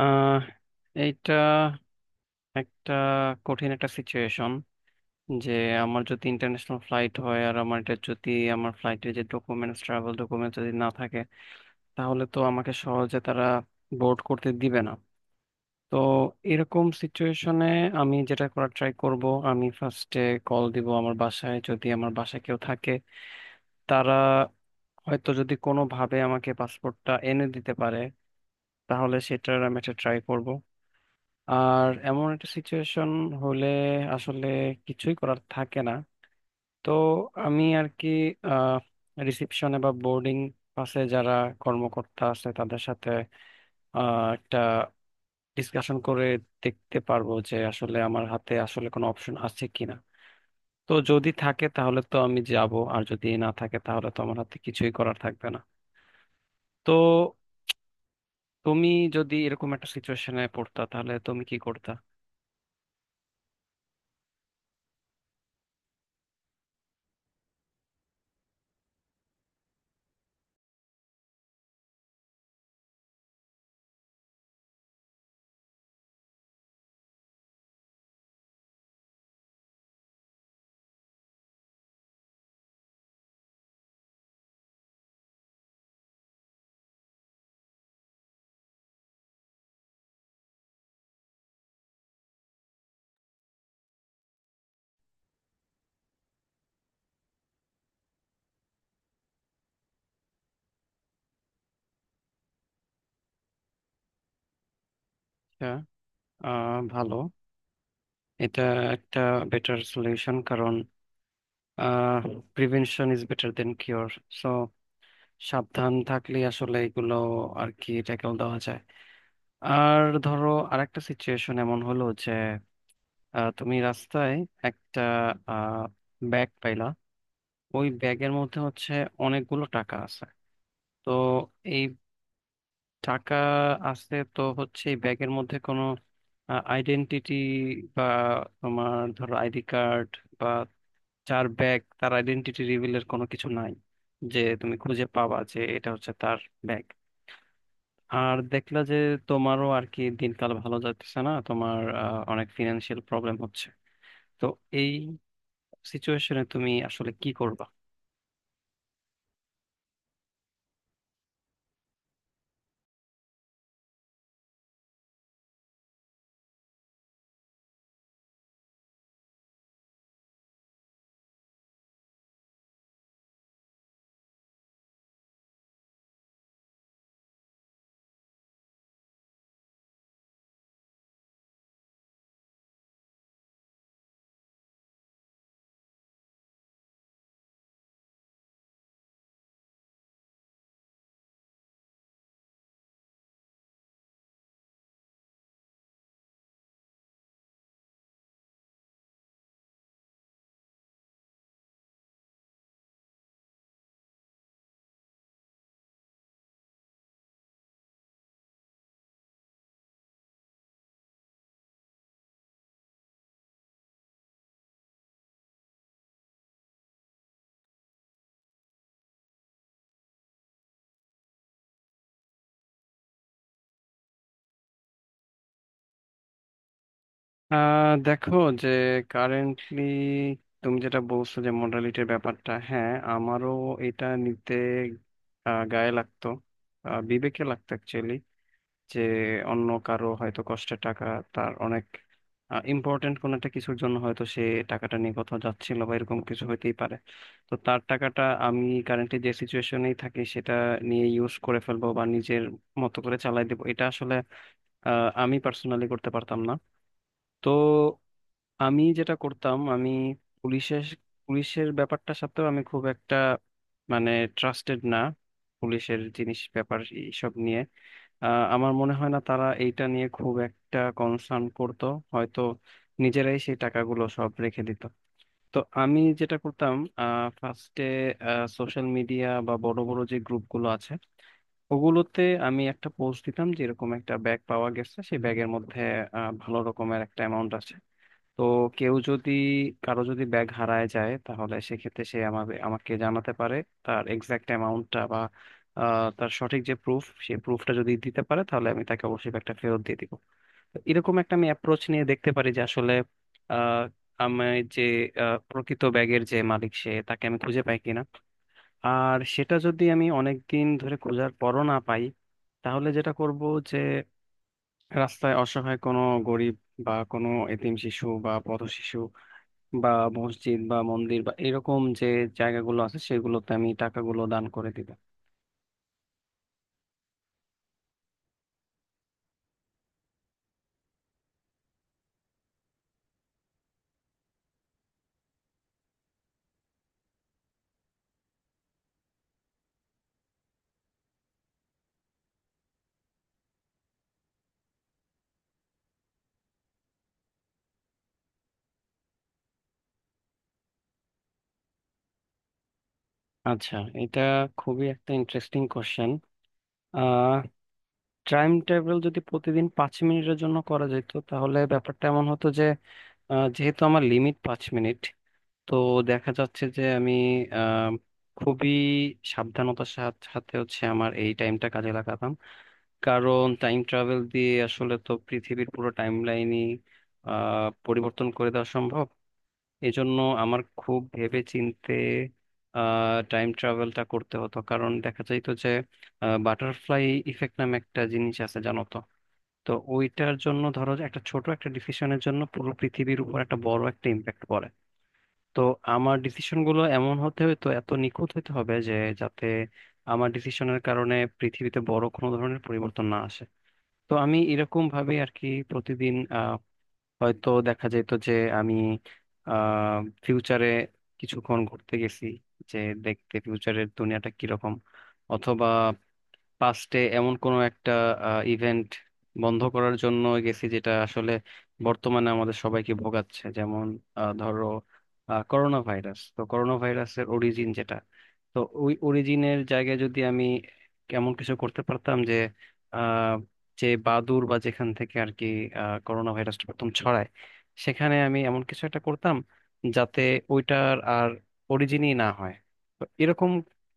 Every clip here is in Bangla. আহ এইটা একটা কঠিন সিচুয়েশন যে আমার যদি ইন্টারন্যাশনাল ফ্লাইট হয় আর আমার এটা যদি আমার ফ্লাইটের যে ডকুমেন্টস ট্রাভেল ডকুমেন্টস যদি না থাকে তাহলে তো আমাকে সহজে তারা বোর্ড করতে দিবে না। তো এরকম সিচুয়েশনে আমি যেটা করার ট্রাই করব, আমি ফার্স্টে কল দিব আমার বাসায়। যদি আমার বাসায় কেউ থাকে, তারা হয়তো যদি কোনোভাবে আমাকে পাসপোর্টটা এনে দিতে পারে তাহলে সেটার আমি একটা ট্রাই করব। আর এমন একটা সিচুয়েশন হলে আসলে কিছুই করার থাকে না। তো আমি আর কি আহ রিসেপশনে বা বোর্ডিং পাশে যারা কর্মকর্তা আছে তাদের সাথে একটা ডিসকাশন করে দেখতে পারবো যে আসলে আমার হাতে আসলে কোনো অপশন আছে কিনা। তো যদি থাকে তাহলে তো আমি যাব, আর যদি না থাকে তাহলে তো আমার হাতে কিছুই করার থাকবে না। তো তুমি যদি এরকম একটা সিচুয়েশনে পড়তা তাহলে তুমি কি করতা? আচ্ছা, ভালো। এটা একটা বেটার সলিউশন, কারণ prevention is better than cure. So সাবধান থাকলে আসলে এগুলো আর কি ট্যাকল দেওয়া যায়। আর ধরো আরেকটা সিচুয়েশন এমন হলো যে তুমি রাস্তায় একটা ব্যাগ পাইলা। ওই ব্যাগের মধ্যে হচ্ছে অনেকগুলো টাকা আছে। তো এই টাকা আছে, তো হচ্ছে এই ব্যাগের মধ্যে কোনো আইডেন্টিটি বা তোমার ধরো আইডি কার্ড বা যার ব্যাগ তার আইডেন্টিটি রিভিলের কোনো কিছু নাই যে তুমি খুঁজে পাবা যে এটা হচ্ছে তার ব্যাগ। আর দেখলা যে তোমারও আর কি দিনকাল ভালো যাচ্ছে না, তোমার অনেক ফিনান্সিয়াল প্রবলেম হচ্ছে। তো এই সিচুয়েশনে তুমি আসলে কি করবা? দেখো, যে কারেন্টলি তুমি যেটা বলছো যে মডালিটির ব্যাপারটা, হ্যাঁ আমারও এটা নিতে গায়ে লাগতো, বিবেকে লাগতো অ্যাকচুয়ালি। যে অন্য কারো হয়তো কষ্টের টাকা, তার অনেক ইম্পর্টেন্ট কোনো একটা কিছুর জন্য হয়তো সে টাকাটা নিয়ে কোথাও যাচ্ছিল বা এরকম কিছু হইতেই পারে। তো তার টাকাটা আমি কারেন্টলি যে সিচুয়েশনেই থাকি সেটা নিয়ে ইউজ করে ফেলবো বা নিজের মতো করে চালাই দেবো, এটা আসলে আমি পার্সোনালি করতে পারতাম না। তো আমি যেটা করতাম, আমি পুলিশের পুলিশের ব্যাপারটা সাথেও আমি খুব একটা মানে ট্রাস্টেড না। পুলিশের জিনিস ব্যাপার এইসব নিয়ে আমার মনে হয় না তারা এইটা নিয়ে খুব একটা কনসার্ন করতো। হয়তো নিজেরাই সেই টাকাগুলো সব রেখে দিত। তো আমি যেটা করতাম, ফার্স্টে সোশ্যাল মিডিয়া বা বড় বড় যে গ্রুপগুলো আছে ওগুলোতে আমি একটা পোস্ট দিতাম যে এরকম একটা ব্যাগ পাওয়া গেছে, সেই ব্যাগের মধ্যে ভালো রকমের একটা অ্যামাউন্ট আছে। তো কেউ যদি, কারো যদি ব্যাগ হারায় যায় তাহলে সেক্ষেত্রে সে আমাকে আমাকে জানাতে পারে তার এক্সাক্ট অ্যামাউন্টটা বা তার সঠিক যে প্রুফ সেই প্রুফটা যদি দিতে পারে তাহলে আমি তাকে অবশ্যই ব্যাগটা ফেরত দিয়ে দিব। তো এরকম একটা আমি অ্যাপ্রোচ নিয়ে দেখতে পারি যে আসলে আহ আমি যে প্রকৃত ব্যাগের যে মালিক সে তাকে আমি খুঁজে পাই কিনা। আর সেটা যদি আমি অনেক দিন ধরে খোঁজার পরও না পাই, তাহলে যেটা করব যে রাস্তায় অসহায় কোনো গরিব বা কোনো এতিম শিশু বা পথ শিশু বা মসজিদ বা মন্দির বা এরকম যে জায়গাগুলো আছে সেগুলোতে আমি টাকাগুলো দান করে দিব। আচ্ছা, এটা খুবই একটা ইন্টারেস্টিং কোশ্চেন। আহ টাইম ট্রাভেল যদি প্রতিদিন পাঁচ মিনিটের জন্য করা যেত তাহলে ব্যাপারটা এমন হতো যে যেহেতু আমার লিমিট পাঁচ মিনিট, তো দেখা যাচ্ছে যে আমি আহ, খুবই সাবধানতার সাথে হচ্ছে আমার এই টাইমটা কাজে লাগাতাম। কারণ টাইম ট্রাভেল দিয়ে আসলে তো পৃথিবীর পুরো টাইম লাইনই পরিবর্তন করে দেওয়া সম্ভব। এজন্য আমার খুব ভেবে চিন্তে টাইম ট্রাভেলটা করতে হতো, কারণ দেখা যাইতো যে বাটারফ্লাই ইফেক্ট নামে একটা জিনিস আছে, জানো তো। তো ওইটার জন্য ধরো যে একটা ছোট ডিসিশনের জন্য পুরো পৃথিবীর উপর একটা বড় একটা ইম্প্যাক্ট পড়ে। তো আমার ডিসিশন গুলো এমন হতো এত নিখুঁত হতে হবে যে, যাতে আমার ডিসিশনের কারণে পৃথিবীতে বড় কোনো ধরনের পরিবর্তন না আসে। তো আমি এরকম ভাবে আর কি প্রতিদিন হয়তো দেখা যেত যে আমি আহ ফিউচারে কিছুক্ষণ ঘুরতে গেছি যে দেখতে ফিউচারের দুনিয়াটা কিরকম, অথবা পাস্টে এমন কোনো একটা ইভেন্ট বন্ধ করার জন্য গেছি যেটা আসলে বর্তমানে আমাদের সবাইকে ভোগাচ্ছে, যেমন ধরো করোনা ভাইরাস। তো করোনা ভাইরাসের অরিজিন যেটা, তো ওই অরিজিনের জায়গায় যদি আমি এমন কিছু করতে পারতাম যে আহ, যে বাদুর বা যেখান থেকে আর কি করোনা ভাইরাসটা প্রথম ছড়ায় সেখানে আমি এমন কিছু একটা করতাম যাতে ওইটার আর অরিজিনই না হয়। তো এরকম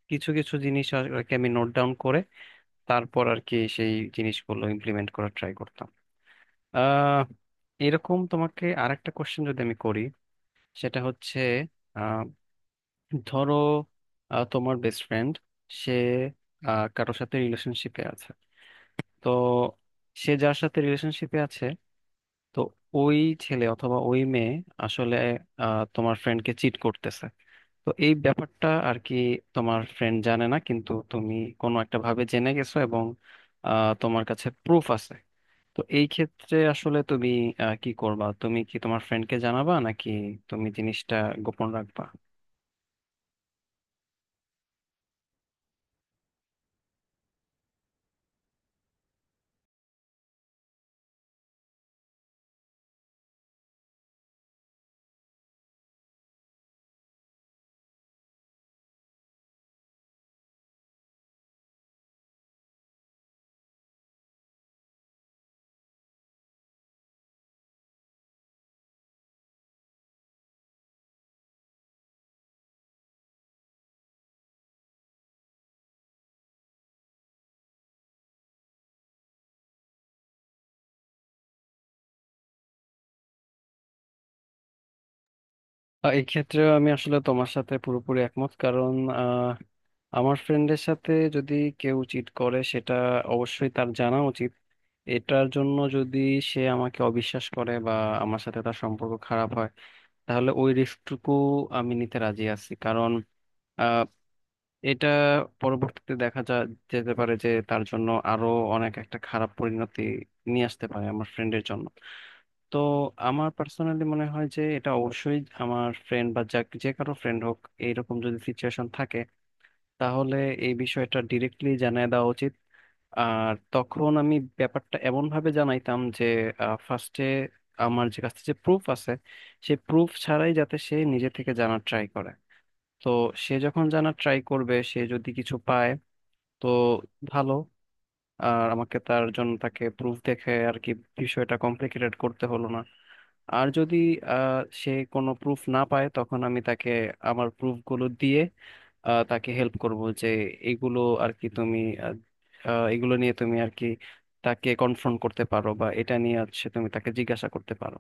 কিছু কিছু জিনিস আর আর কি আমি নোট ডাউন করে তারপর আর কি সেই জিনিসগুলো ইমপ্লিমেন্ট করার ট্রাই করতাম। আহ এরকম তোমাকে আরেকটা কোশ্চেন যদি আমি করি, সেটা হচ্ছে আহ, ধরো তোমার বেস্ট ফ্রেন্ড সে কারোর সাথে রিলেশনশিপে আছে। তো সে যার সাথে রিলেশনশিপে আছে, তো ওই ছেলে অথবা ওই মেয়ে আসলে তোমার ফ্রেন্ডকে চিট করতেছে। তো এই ব্যাপারটা আর কি তোমার ফ্রেন্ড জানে না, কিন্তু তুমি কোনো একটা ভাবে জেনে গেছো এবং তোমার কাছে প্রুফ আছে। তো এই ক্ষেত্রে আসলে তুমি কি করবা? তুমি কি তোমার ফ্রেন্ডকে জানাবা নাকি তুমি জিনিসটা গোপন রাখবা? এই ক্ষেত্রে আমি আসলে তোমার সাথে পুরোপুরি একমত, কারণ আহ, আমার ফ্রেন্ডের সাথে যদি কেউ চিট করে সেটা অবশ্যই তার জানা উচিত। এটার জন্য যদি সে আমাকে অবিশ্বাস করে বা আমার সাথে তার সম্পর্ক খারাপ হয়, তাহলে ওই রিস্কটুকু আমি নিতে রাজি আছি। কারণ এটা পরবর্তীতে দেখা যা যেতে পারে যে তার জন্য আরো অনেক একটা খারাপ পরিণতি নিয়ে আসতে পারে আমার ফ্রেন্ডের জন্য। তো আমার পার্সোনালি মনে হয় যে এটা অবশ্যই আমার ফ্রেন্ড বা যে কারো ফ্রেন্ড হোক, এইরকম যদি সিচুয়েশন থাকে তাহলে এই বিষয়টা ডিরেক্টলি জানিয়ে দেওয়া উচিত। আর তখন আমি ব্যাপারটা এমন ভাবে জানাইতাম যে ফার্স্টে আমার যে কাছে যে প্রুফ আছে সেই প্রুফ ছাড়াই যাতে সে নিজে থেকে জানার ট্রাই করে। তো সে যখন জানার ট্রাই করবে, সে যদি কিছু পায় তো ভালো। আর আমাকে তার জন্য তাকে প্রুফ দেখে আর কি বিষয়টা কমপ্লিকেটেড করতে হলো না। আর যদি সে কোনো প্রুফ না পায় তখন আমি তাকে আমার প্রুফগুলো দিয়ে তাকে হেল্প করব যে এগুলো আর কি তুমি আহ, আহ, এগুলো নিয়ে তুমি আর কি তাকে কনফ্রন্ট করতে পারো বা এটা নিয়ে হচ্ছে তুমি তাকে জিজ্ঞাসা করতে পারো।